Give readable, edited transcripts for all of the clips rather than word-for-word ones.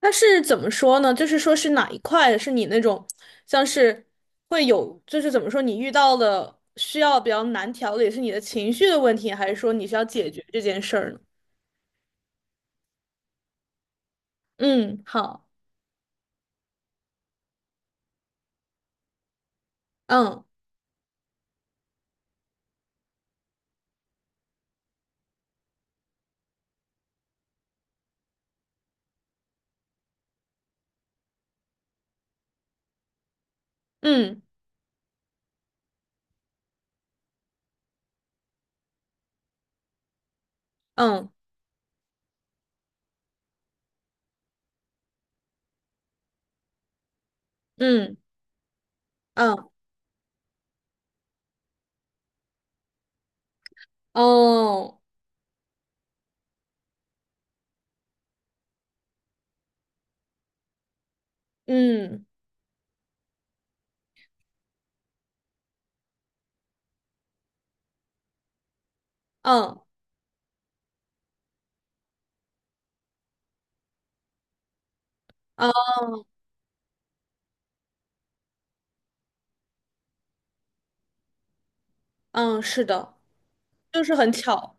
它是怎么说呢？就是说是哪一块是你那种像是会有，就是怎么说你遇到的需要比较难调的，也是你的情绪的问题，还是说你需要解决这件事儿呢？嗯，好，嗯嗯嗯嗯嗯哦，嗯嗯嗯嗯，是的，就是很巧，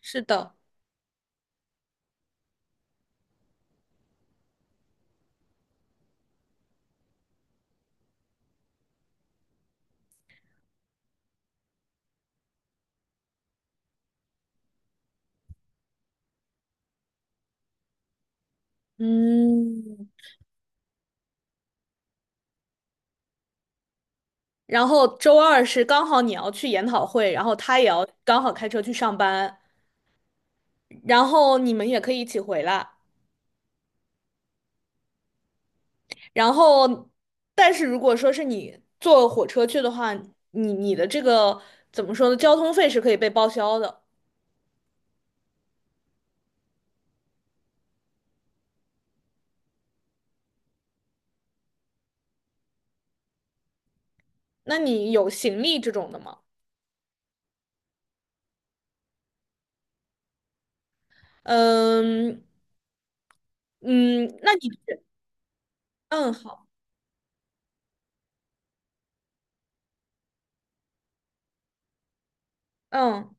是的，嗯。然后周二是刚好你要去研讨会，然后他也要刚好开车去上班。然后你们也可以一起回来。然后，但是如果说是你坐火车去的话，你的这个怎么说呢？交通费是可以被报销的。那你有行李这种的吗？嗯嗯，那你嗯好嗯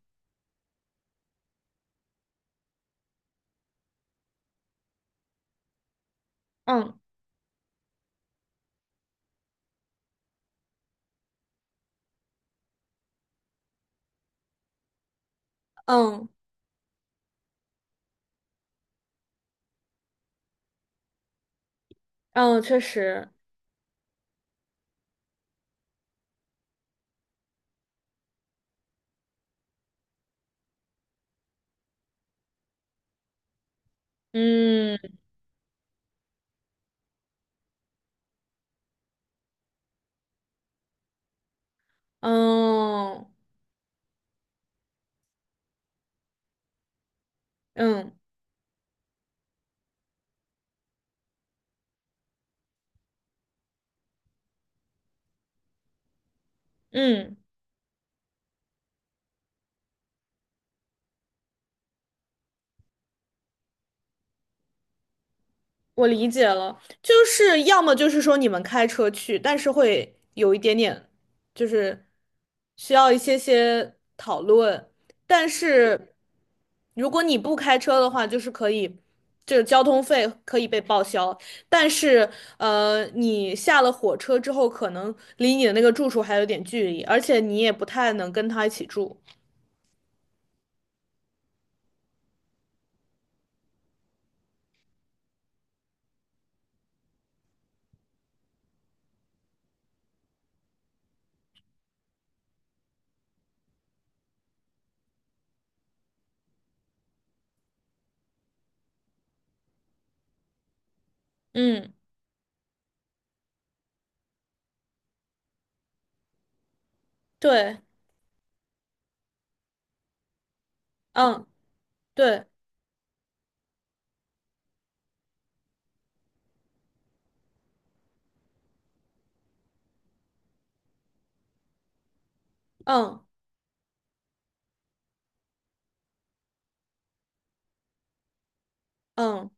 嗯嗯嗯，确实嗯嗯嗯嗯。我理解了，就是要么就是说你们开车去，但是会有一点点，就是需要一些些讨论。但是如果你不开车的话，就是可以，就是交通费可以被报销。但是你下了火车之后，可能离你的那个住处还有点距离，而且你也不太能跟他一起住。嗯，对，嗯，对，嗯，嗯，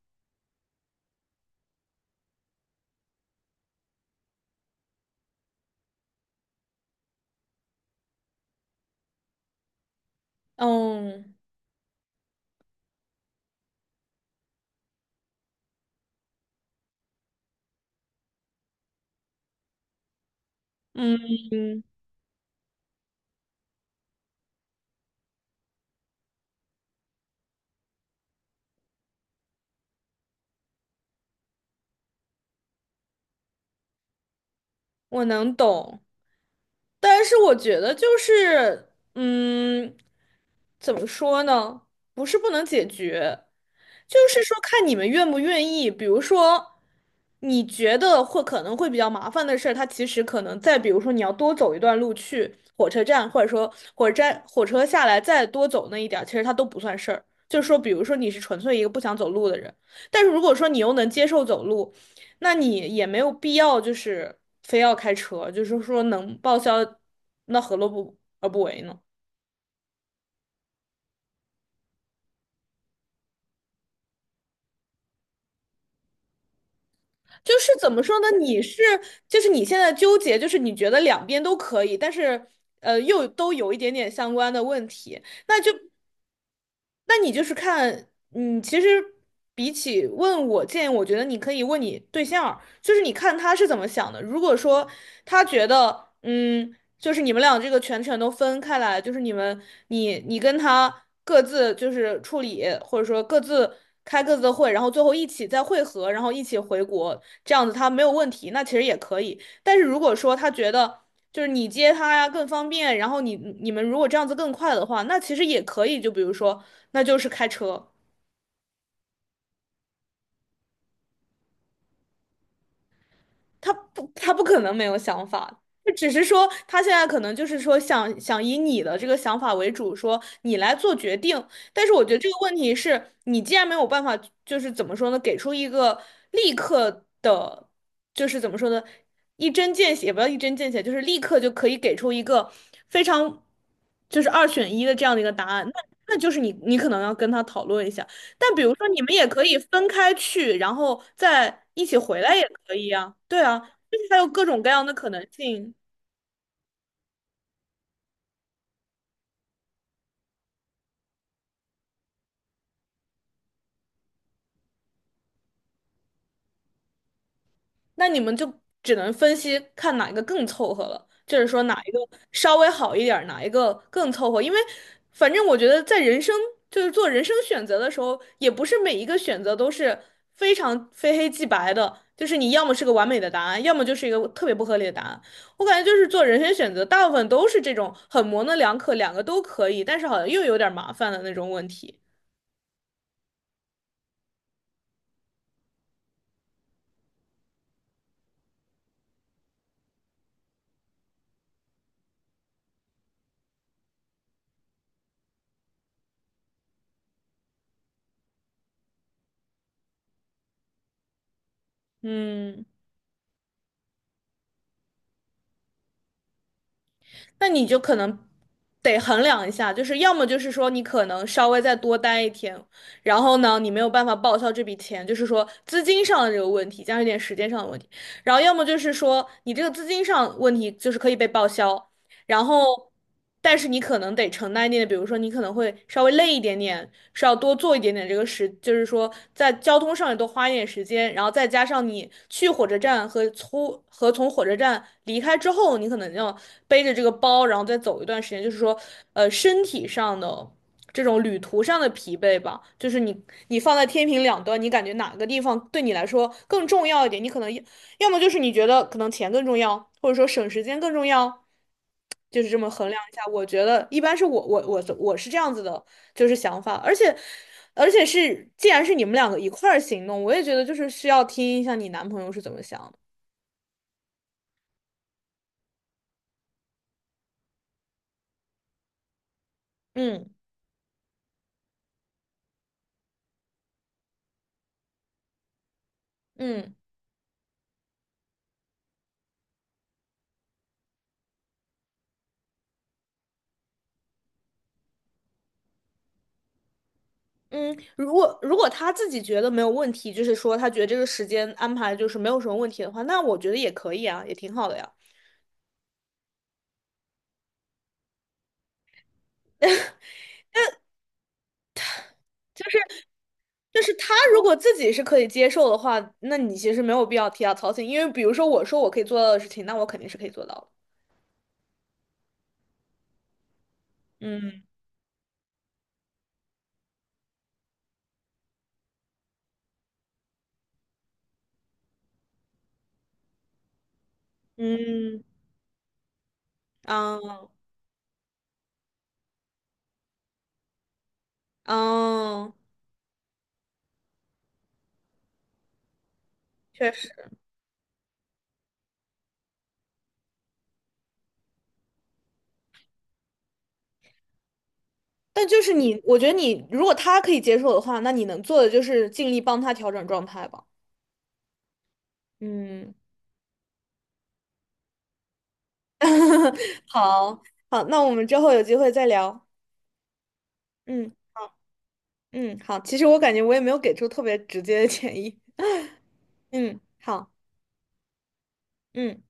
嗯，嗯。嗯，我能懂，但是我觉得就是，嗯，怎么说呢？不是不能解决，就是说看你们愿不愿意。比如说，你觉得可能会比较麻烦的事儿，它其实可能再比如说你要多走一段路去火车站，或者说火车站火车下来再多走那一点儿其实它都不算事儿。就是说，比如说你是纯粹一个不想走路的人，但是如果说你又能接受走路。那你也没有必要就是非要开车，就是说能报销，那何乐不而不为呢？就是怎么说呢？就是你现在纠结，就是你觉得两边都可以，但是又都有一点点相关的问题，那就那你就是看，嗯，其实比起问我建议，我觉得你可以问你对象儿就是你看他是怎么想的。如果说他觉得，嗯，就是你们俩这个全权都分开来，就是你们你你跟他各自就是处理，或者说各自开各自的会，然后最后一起再会合，然后一起回国，这样子他没有问题，那其实也可以。但是如果说他觉得，就是你接他呀更方便，然后你们如果这样子更快的话，那其实也可以。就比如说，那就是开车。他不可能没有想法，就只是说他现在可能就是说想想以你的这个想法为主，说你来做决定。但是我觉得这个问题是你既然没有办法，就是怎么说呢，给出一个立刻的，就是怎么说呢，一针见血，也不要一针见血，就是立刻就可以给出一个非常就是二选一的这样的一个答案，那就是你可能要跟他讨论一下。但比如说，你们也可以分开去，然后再一起回来也可以啊。对啊，就是还有各种各样的可能性。那你们就只能分析看哪一个更凑合了，就是说哪一个稍微好一点儿哪一个更凑合。因为反正我觉得在人生就是做人生选择的时候，也不是每一个选择都是非常非黑即白的，就是你要么是个完美的答案，要么就是一个特别不合理的答案。我感觉就是做人生选择，大部分都是这种很模棱两可，两个都可以，但是好像又有点儿麻烦的那种问题。嗯。那你就可能得衡量一下，就是要么就是说你可能稍微再多待一天，然后呢，你没有办法报销这笔钱，就是说资金上的这个问题，加上一点时间上的问题，然后要么就是说你这个资金上问题就是可以被报销，然后，但是你可能得承担一点点，比如说你可能会稍微累一点点，是要多做一点点这个时，就是说在交通上也多花一点时间，然后再加上你去火车站和从火车站离开之后，你可能要背着这个包，然后再走一段时间，就是说，身体上的。这种旅途上的疲惫吧，就是你放在天平两端，你感觉哪个地方对你来说更重要一点？你可能要要么就是你觉得可能钱更重要，或者说省时间更重要，就是这么衡量一下，我觉得一般是我是这样子的，就是想法，而且是既然是你们两个一块儿行动，我也觉得就是需要听一下你男朋友是怎么想的。嗯嗯嗯，如果他自己觉得没有问题，就是说他觉得这个时间安排就是没有什么问题的话，那我觉得也可以啊，也挺好的呀。就是他如果自己是可以接受的话，那你其实没有必要替他操心，因为比如说我说我可以做到的事情，那我肯定是可以做到的。嗯嗯啊。嗯哦，确实，但就是我觉得你如果他可以接受的话，那你能做的就是尽力帮他调整状态吧。嗯，好，好，那我们之后有机会再聊。嗯好，嗯，好，其实我感觉我也没有给出特别直接的建议。嗯，好，嗯。